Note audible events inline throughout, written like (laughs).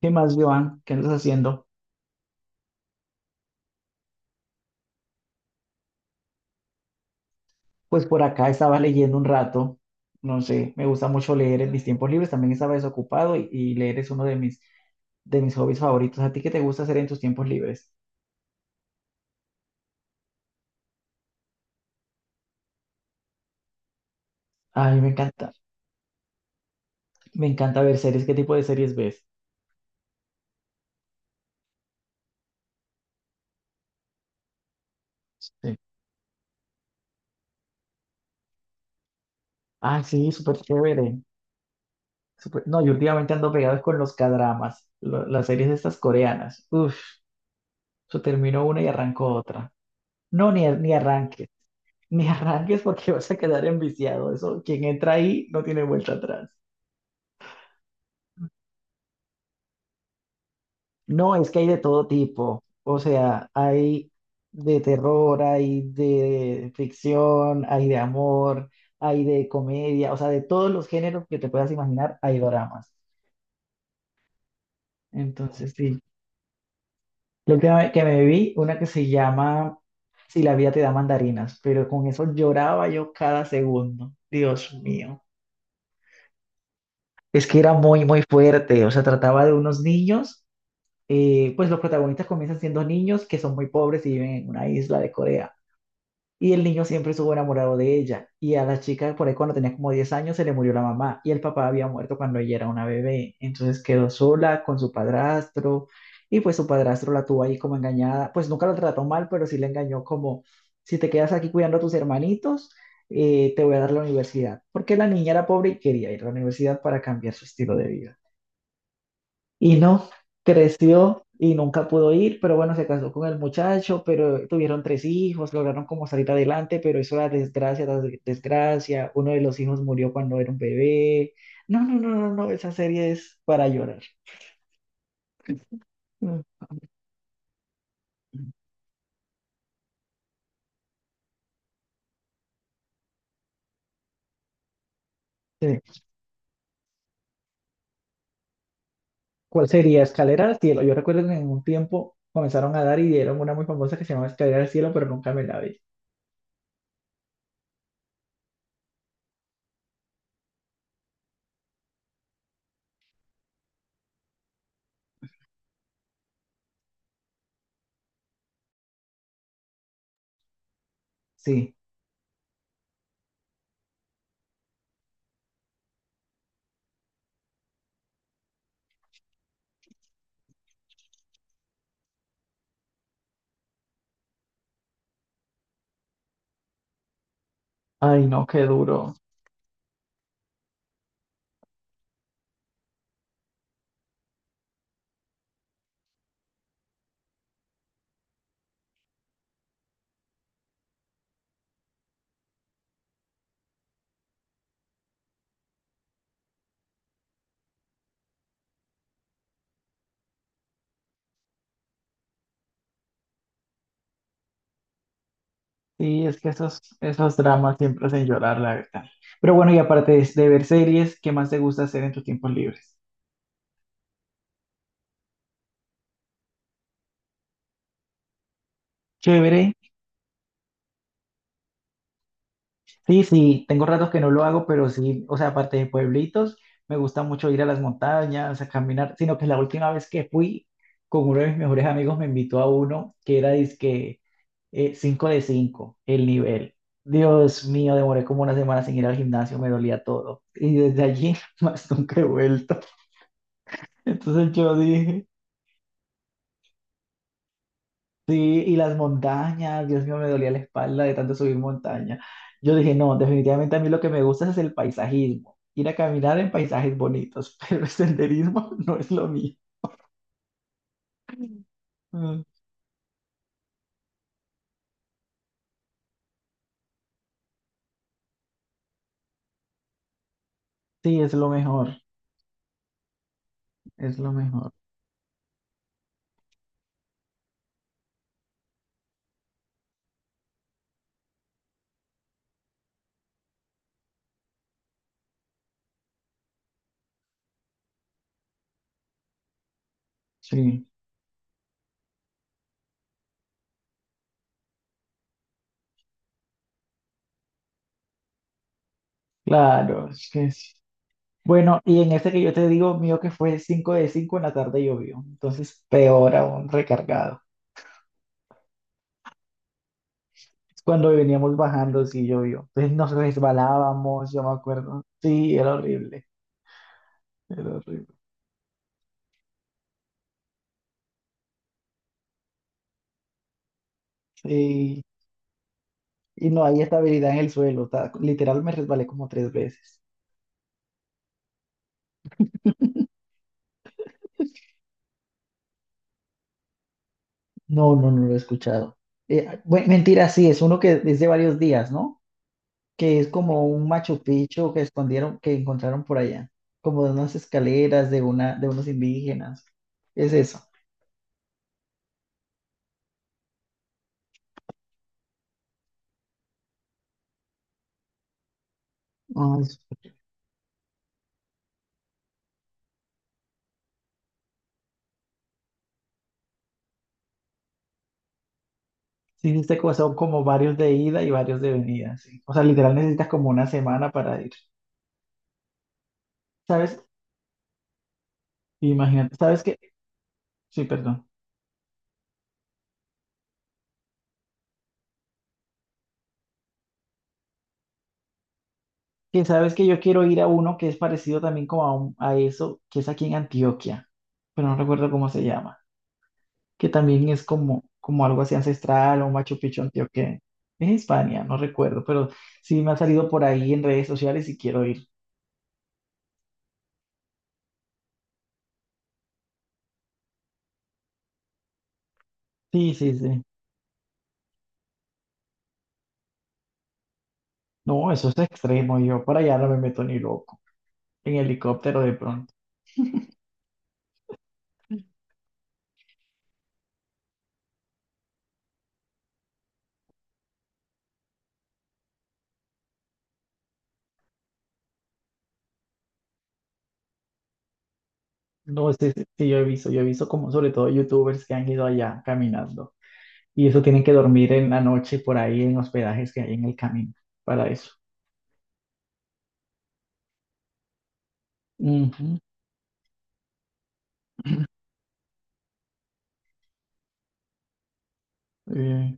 ¿Qué más, Joan? ¿Qué andas haciendo? Pues por acá estaba leyendo un rato, no sé, me gusta mucho leer en mis tiempos libres, también estaba desocupado y leer es uno de mis hobbies favoritos. ¿A ti qué te gusta hacer en tus tiempos libres? Ay, me encanta ver series. ¿Qué tipo de series ves? Sí. Ah, sí, súper chévere. No, yo últimamente ando pegado con los cadramas, las series estas coreanas. Uf, yo termino una y arranco otra. No, ni arranque. Me arranques porque (laughs) vas a quedar enviciado. Eso, quien entra ahí no tiene vuelta atrás. No, es que hay de todo tipo. O sea, hay de terror, hay de ficción, hay de amor, hay de comedia. O sea, de todos los géneros que te puedas imaginar, hay doramas. Entonces, sí. La última vez que me vi, una que se llama Si la vida te da mandarinas, pero con eso lloraba yo cada segundo. Dios mío. Es que era muy, muy fuerte. O sea, trataba de unos niños, pues los protagonistas comienzan siendo niños que son muy pobres y viven en una isla de Corea. Y el niño siempre estuvo enamorado de ella. Y a la chica, por ahí cuando tenía como 10 años, se le murió la mamá. Y el papá había muerto cuando ella era una bebé. Entonces quedó sola con su padrastro. Y pues su padrastro la tuvo ahí como engañada. Pues nunca la trató mal, pero sí le engañó como: si te quedas aquí cuidando a tus hermanitos, te voy a dar la universidad. Porque la niña era pobre y quería ir a la universidad para cambiar su estilo de vida. Y no, creció y nunca pudo ir, pero bueno, se casó con el muchacho, pero tuvieron tres hijos, lograron como salir adelante, pero eso era desgracia, tras desgracia. Uno de los hijos murió cuando era un bebé. No, no, no, no, no, esa serie es para llorar. Mm. Sí. ¿Cuál sería? Escalera al cielo. Yo recuerdo que en un tiempo comenzaron a dar y dieron una muy famosa que se llamaba Escalera al cielo, pero nunca me la vi. Sí. Ay, no, qué duro. Sí, es que esos dramas siempre hacen llorar, la verdad. Pero bueno, y aparte de ver series, ¿qué más te gusta hacer en tus tiempos libres? Chévere. Sí, sí, tengo ratos que no lo hago, pero sí, o sea, aparte de pueblitos, me gusta mucho ir a las montañas, a caminar, sino que la última vez que fui, con uno de mis mejores amigos me invitó a uno que era dizque, 5 de 5, el nivel. Dios mío, demoré como una semana sin ir al gimnasio, me dolía todo. Y desde allí (laughs) más nunca he vuelto. Entonces yo dije... Sí, y las montañas, Dios mío, me dolía la espalda de tanto subir montaña. Yo dije, no, definitivamente a mí lo que me gusta es el paisajismo, ir a caminar en paisajes bonitos, (laughs) pero el senderismo (laughs) no es lo mío. Mm, sí, es lo mejor, es lo mejor. Sí, claro, es que sí. Bueno, y en este que yo te digo, mío que fue 5 de 5, en la tarde llovió, entonces peor aún, recargado. Cuando veníamos bajando, sí llovió, entonces nos resbalábamos, yo me acuerdo. Sí, era horrible, era horrible. Y, y no hay estabilidad en el suelo. Literal me resbalé como tres veces. No, no, no lo he escuchado. Ah, mentira, sí, es uno que es de varios días, ¿no? Que es como un Machu Picchu que escondieron, que encontraron por allá, como de unas escaleras de unos indígenas. Es eso. Ah, sí, dice que son como varios de ida y varios de venida, sí. O sea, literal necesitas como una semana para ir. ¿Sabes? Imagínate, ¿sabes qué? Sí, perdón. Que sabes que yo quiero ir a uno que es parecido también como a eso, que es aquí en Antioquia, pero no recuerdo cómo se llama, que también es como algo así ancestral o Machu Picchu antioqueño. Es España, no recuerdo, pero sí me ha salido por ahí en redes sociales y quiero ir. Sí, sí, sí. No, eso es extremo, yo para allá no me meto ni loco, en helicóptero de pronto. No sé, sí, sí, sí, yo he visto como sobre todo youtubers que han ido allá caminando y eso tienen que dormir en la noche por ahí en hospedajes que hay en el camino para eso. Ujú. Eh,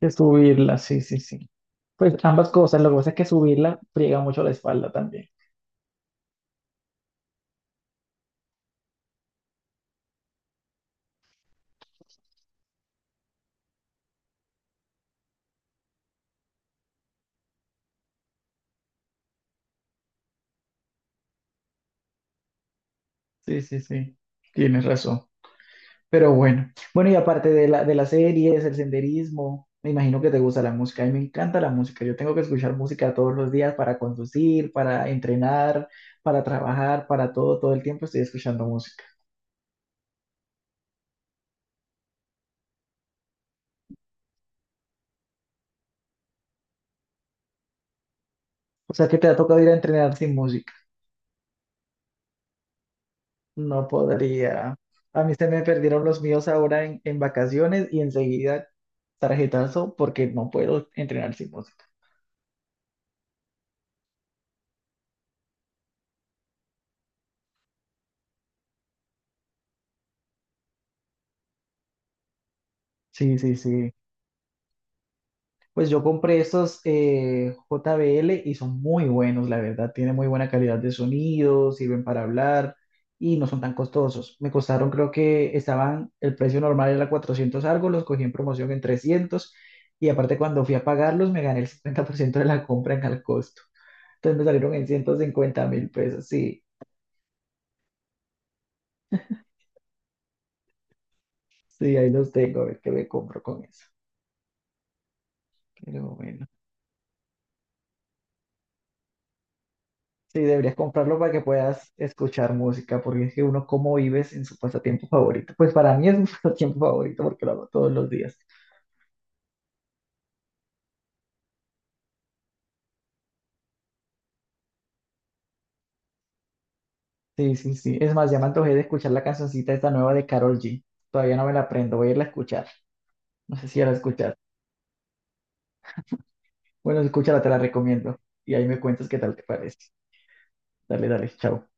que subirla, sí, sí, sí. Pues ambas cosas, lo que pasa es que subirla friega mucho la espalda también. Sí, sí, sí, tienes razón. Pero bueno, bueno, y aparte de las series, el senderismo, me imagino que te gusta la música. A mí me encanta la música. Yo tengo que escuchar música todos los días para conducir, para entrenar, para trabajar, para todo, todo el tiempo estoy escuchando música. O sea, que te ha tocado ir a entrenar sin música. No podría. A mí se me perdieron los míos ahora en vacaciones y enseguida tarjetazo porque no puedo entrenar sin música. Sí, sí, sí. Pues yo compré estos, JBL y son muy buenos, la verdad. Tienen muy buena calidad de sonido, sirven para hablar y no son tan costosos. Me costaron, creo que estaban, el precio normal era 400 algo, los cogí en promoción en 300, y aparte cuando fui a pagarlos me gané el 50% de la compra en al costo. Entonces me salieron en 150 mil pesos. Sí, sí, ahí los tengo. A ver qué me compro con eso. Pero bueno. Sí, deberías comprarlo para que puedas escuchar música, porque es que uno cómo vives en su pasatiempo favorito. Pues para mí es mi (laughs) pasatiempo favorito porque lo hago todos los días. Sí, sí, sí. Es más, ya me antojé de escuchar la cancioncita esta nueva de Karol G. Todavía no me la aprendo, voy a irla a escuchar. No sé si ya la escuchar. Bueno, escúchala, te la recomiendo. Y ahí me cuentas qué tal te parece. Dale, dale, chao.